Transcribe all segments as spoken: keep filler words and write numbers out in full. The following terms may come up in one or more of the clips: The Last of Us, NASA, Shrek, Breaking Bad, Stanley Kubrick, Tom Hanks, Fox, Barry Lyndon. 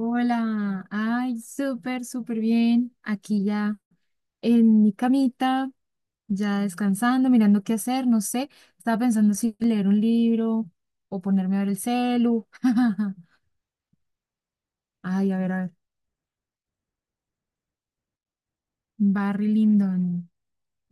Hola, ay, súper, súper bien. Aquí ya en mi camita, ya descansando, mirando qué hacer, no sé. Estaba pensando si leer un libro o ponerme a ver el celu. Ay, a ver, a ver. Barry Lyndon.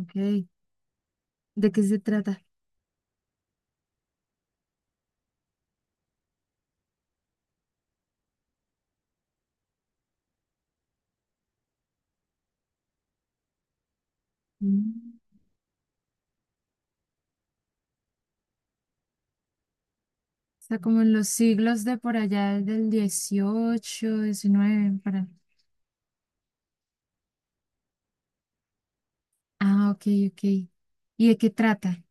Ok. ¿De qué se trata? Mm. O sea, como en los siglos de por allá del dieciocho, diecinueve para. Ah, ok, ok. ¿Y de qué trata?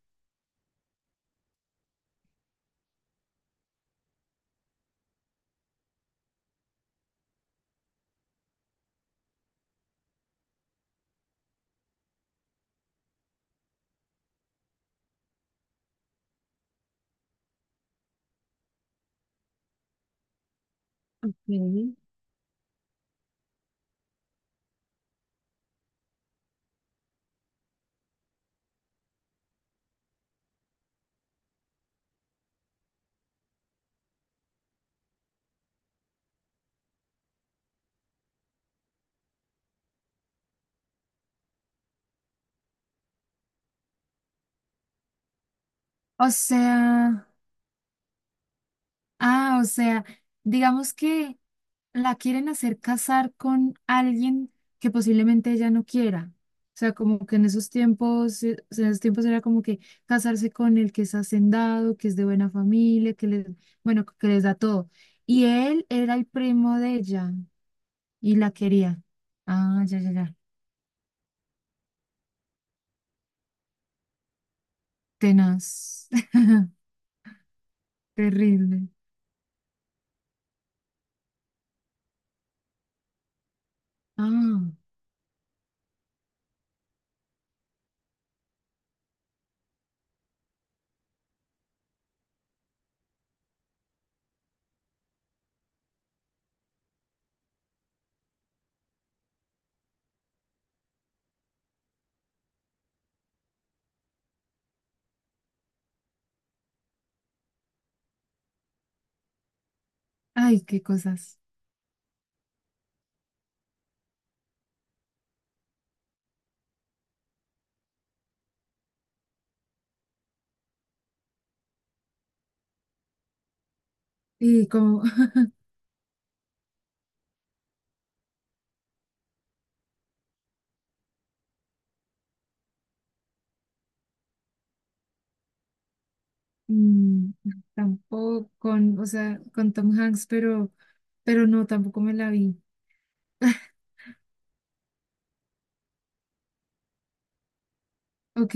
Ok. O sea. Ah, o sea, digamos que la quieren hacer casar con alguien que posiblemente ella no quiera. O sea, como que en esos tiempos, eh, o sea, en esos tiempos era como que casarse con el que es hacendado, que es de buena familia, que les, bueno, que les da todo. Y él era el primo de ella y la quería. Ah, ya, ya, ya. Tenaz. Terrible. Ah, ay, qué cosas. Y como Mm, tampoco con, o sea, con Tom Hanks, pero, pero no, tampoco me la vi. Ok,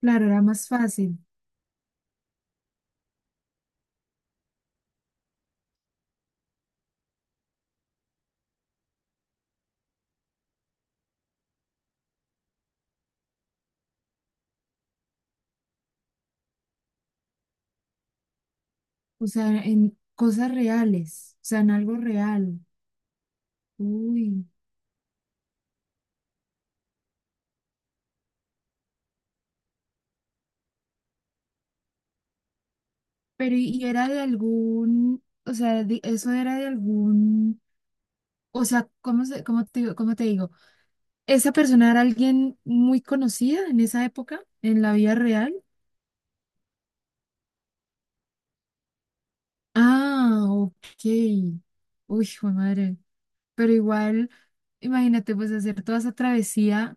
claro, era más fácil. O sea, en cosas reales, o sea, en algo real. Uy, pero y, y era de algún, o sea, de- eso era de algún, o sea, ¿cómo se, cómo te, digo- cómo te digo? ¿Esa persona era alguien muy conocida en esa época, en la vida real? Ah, ok. Uy, hijo de madre. Pero igual, imagínate, pues hacer toda esa travesía,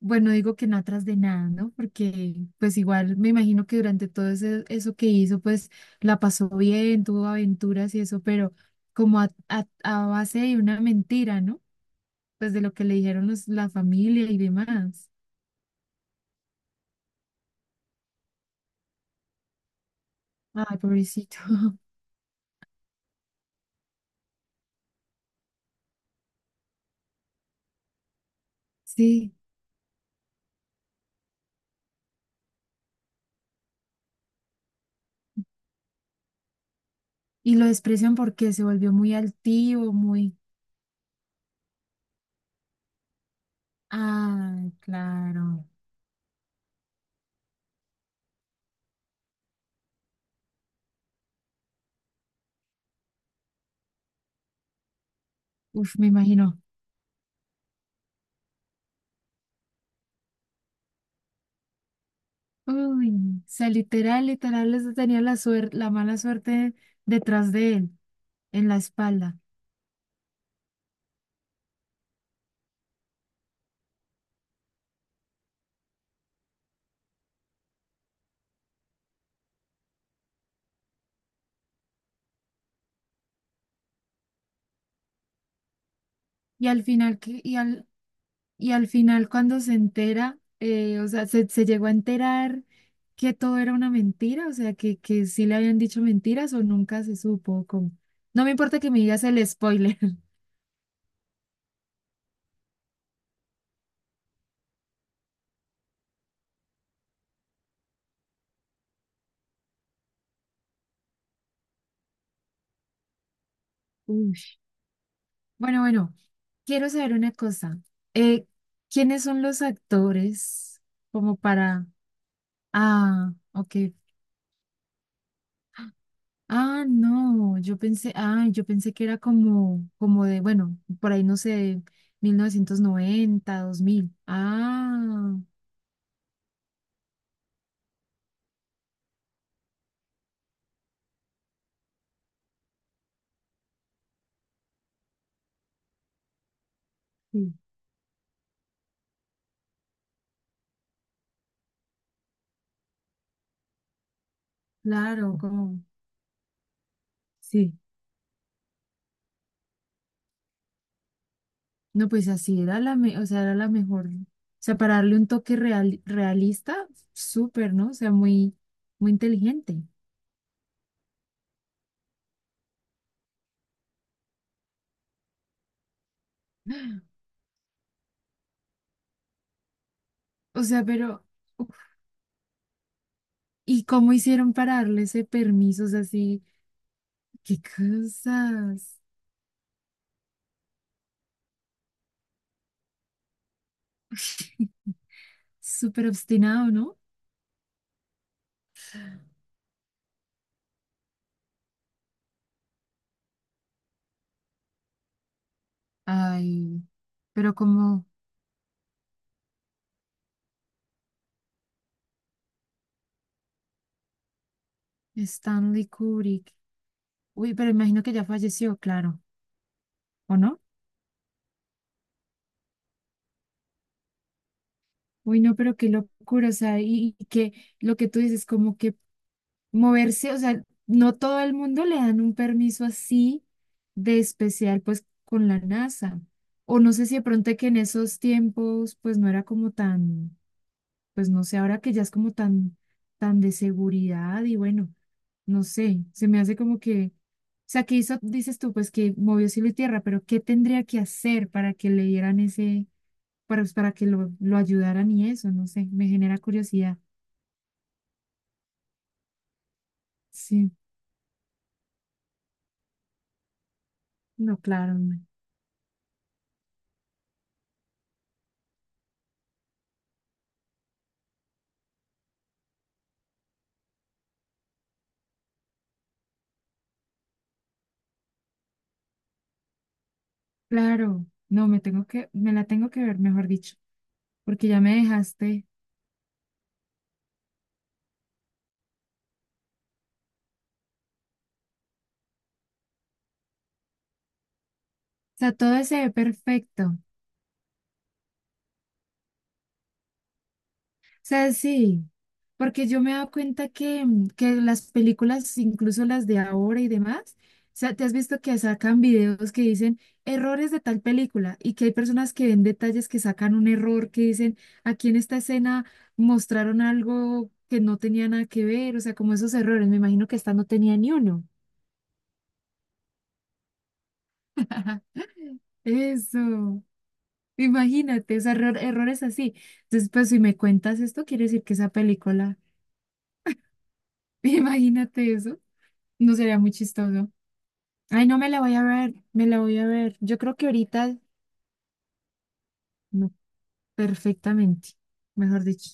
bueno, digo que no atrás de nada, ¿no? Porque pues igual me imagino que durante todo ese- eso que hizo, pues la pasó bien, tuvo aventuras y eso, pero como a, a- a base de una mentira, ¿no? Pues de lo que le dijeron los- la familia y demás. Ay, pobrecito. Sí. Y lo desprecian porque se volvió muy altivo, muy... Ay, claro. Uf, me imagino. Uy, o sea, literal, literal, les tenía la suerte, la mala suerte detrás de él, en la espalda. Y al final, que- y al, y al final cuando se entera, eh, o sea, se, se llegó a enterar que todo era una mentira, o sea, que, que sí le habían dicho mentiras o nunca se supo cómo. No me importa que me digas el spoiler. Uy. Bueno, bueno, quiero saber una cosa. Eh, ¿quiénes son los actores como para... Ah, ok. Ah, no, yo pensé, ah, yo pensé que era como, como de, bueno, por ahí no sé, mil novecientos noventa, dos mil. Ah, sí. Claro, como, sí. No, pues así era la, me- o sea, era la mejor. O sea, para darle un toque real, realista, súper, ¿no? O sea, muy, muy inteligente. O sea, pero, uf, ¿y cómo hicieron para darle ese permiso? O sea, así, qué cosas. Súper obstinado, ¿no? Ay, pero como Stanley Kubrick. Uy, pero imagino que ya falleció, claro, ¿o no? Uy, no, pero qué locura, o sea, y, y que lo que tú dices, como que moverse, o sea, no todo el mundo le dan un permiso así de especial, pues, con la NASA. O no sé si de pronto que en esos tiempos, pues, no era como tan... Pues no sé, ahora que ya es como tan, tan de seguridad y bueno, no sé, se me hace como que, o sea, que hizo, dices tú, pues que movió cielo y tierra, pero ¿qué tendría que hacer para que le dieran ese, para, pues, para que lo, lo ayudaran y eso? No sé, me genera curiosidad. Sí, no, claro, no. Claro, no, me tengo que, me la tengo que ver, mejor dicho, porque ya me dejaste, o sea, todo se ve perfecto, sea, sí, porque yo me he dado cuenta que, mm, que las películas, incluso las de ahora y demás, o sea, te has visto que sacan videos que dicen errores de tal película y que hay personas que ven detalles que sacan un error, que dicen aquí en esta escena mostraron algo que no tenía nada que ver, o sea, como esos errores, me imagino que esta no tenía ni uno. Eso, imagínate, o sea, error- errores así. Entonces, pues si me cuentas esto, quiere decir que esa película, imagínate. No sería muy chistoso. Ay, no me la voy a ver, me la voy a ver. Yo creo que ahorita, no, perfectamente, mejor dicho.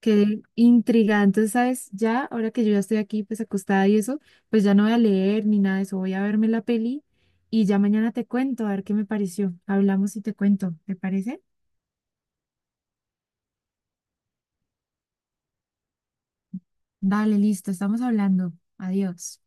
Quedé intrigada. Entonces, ¿sabes? Ya, ahora que yo ya estoy aquí, pues acostada y eso, pues ya no voy a leer ni nada de eso. Voy a verme la peli y ya mañana te cuento, a ver qué me pareció. Hablamos y te cuento, ¿te parece? Dale, listo, estamos hablando. Adiós.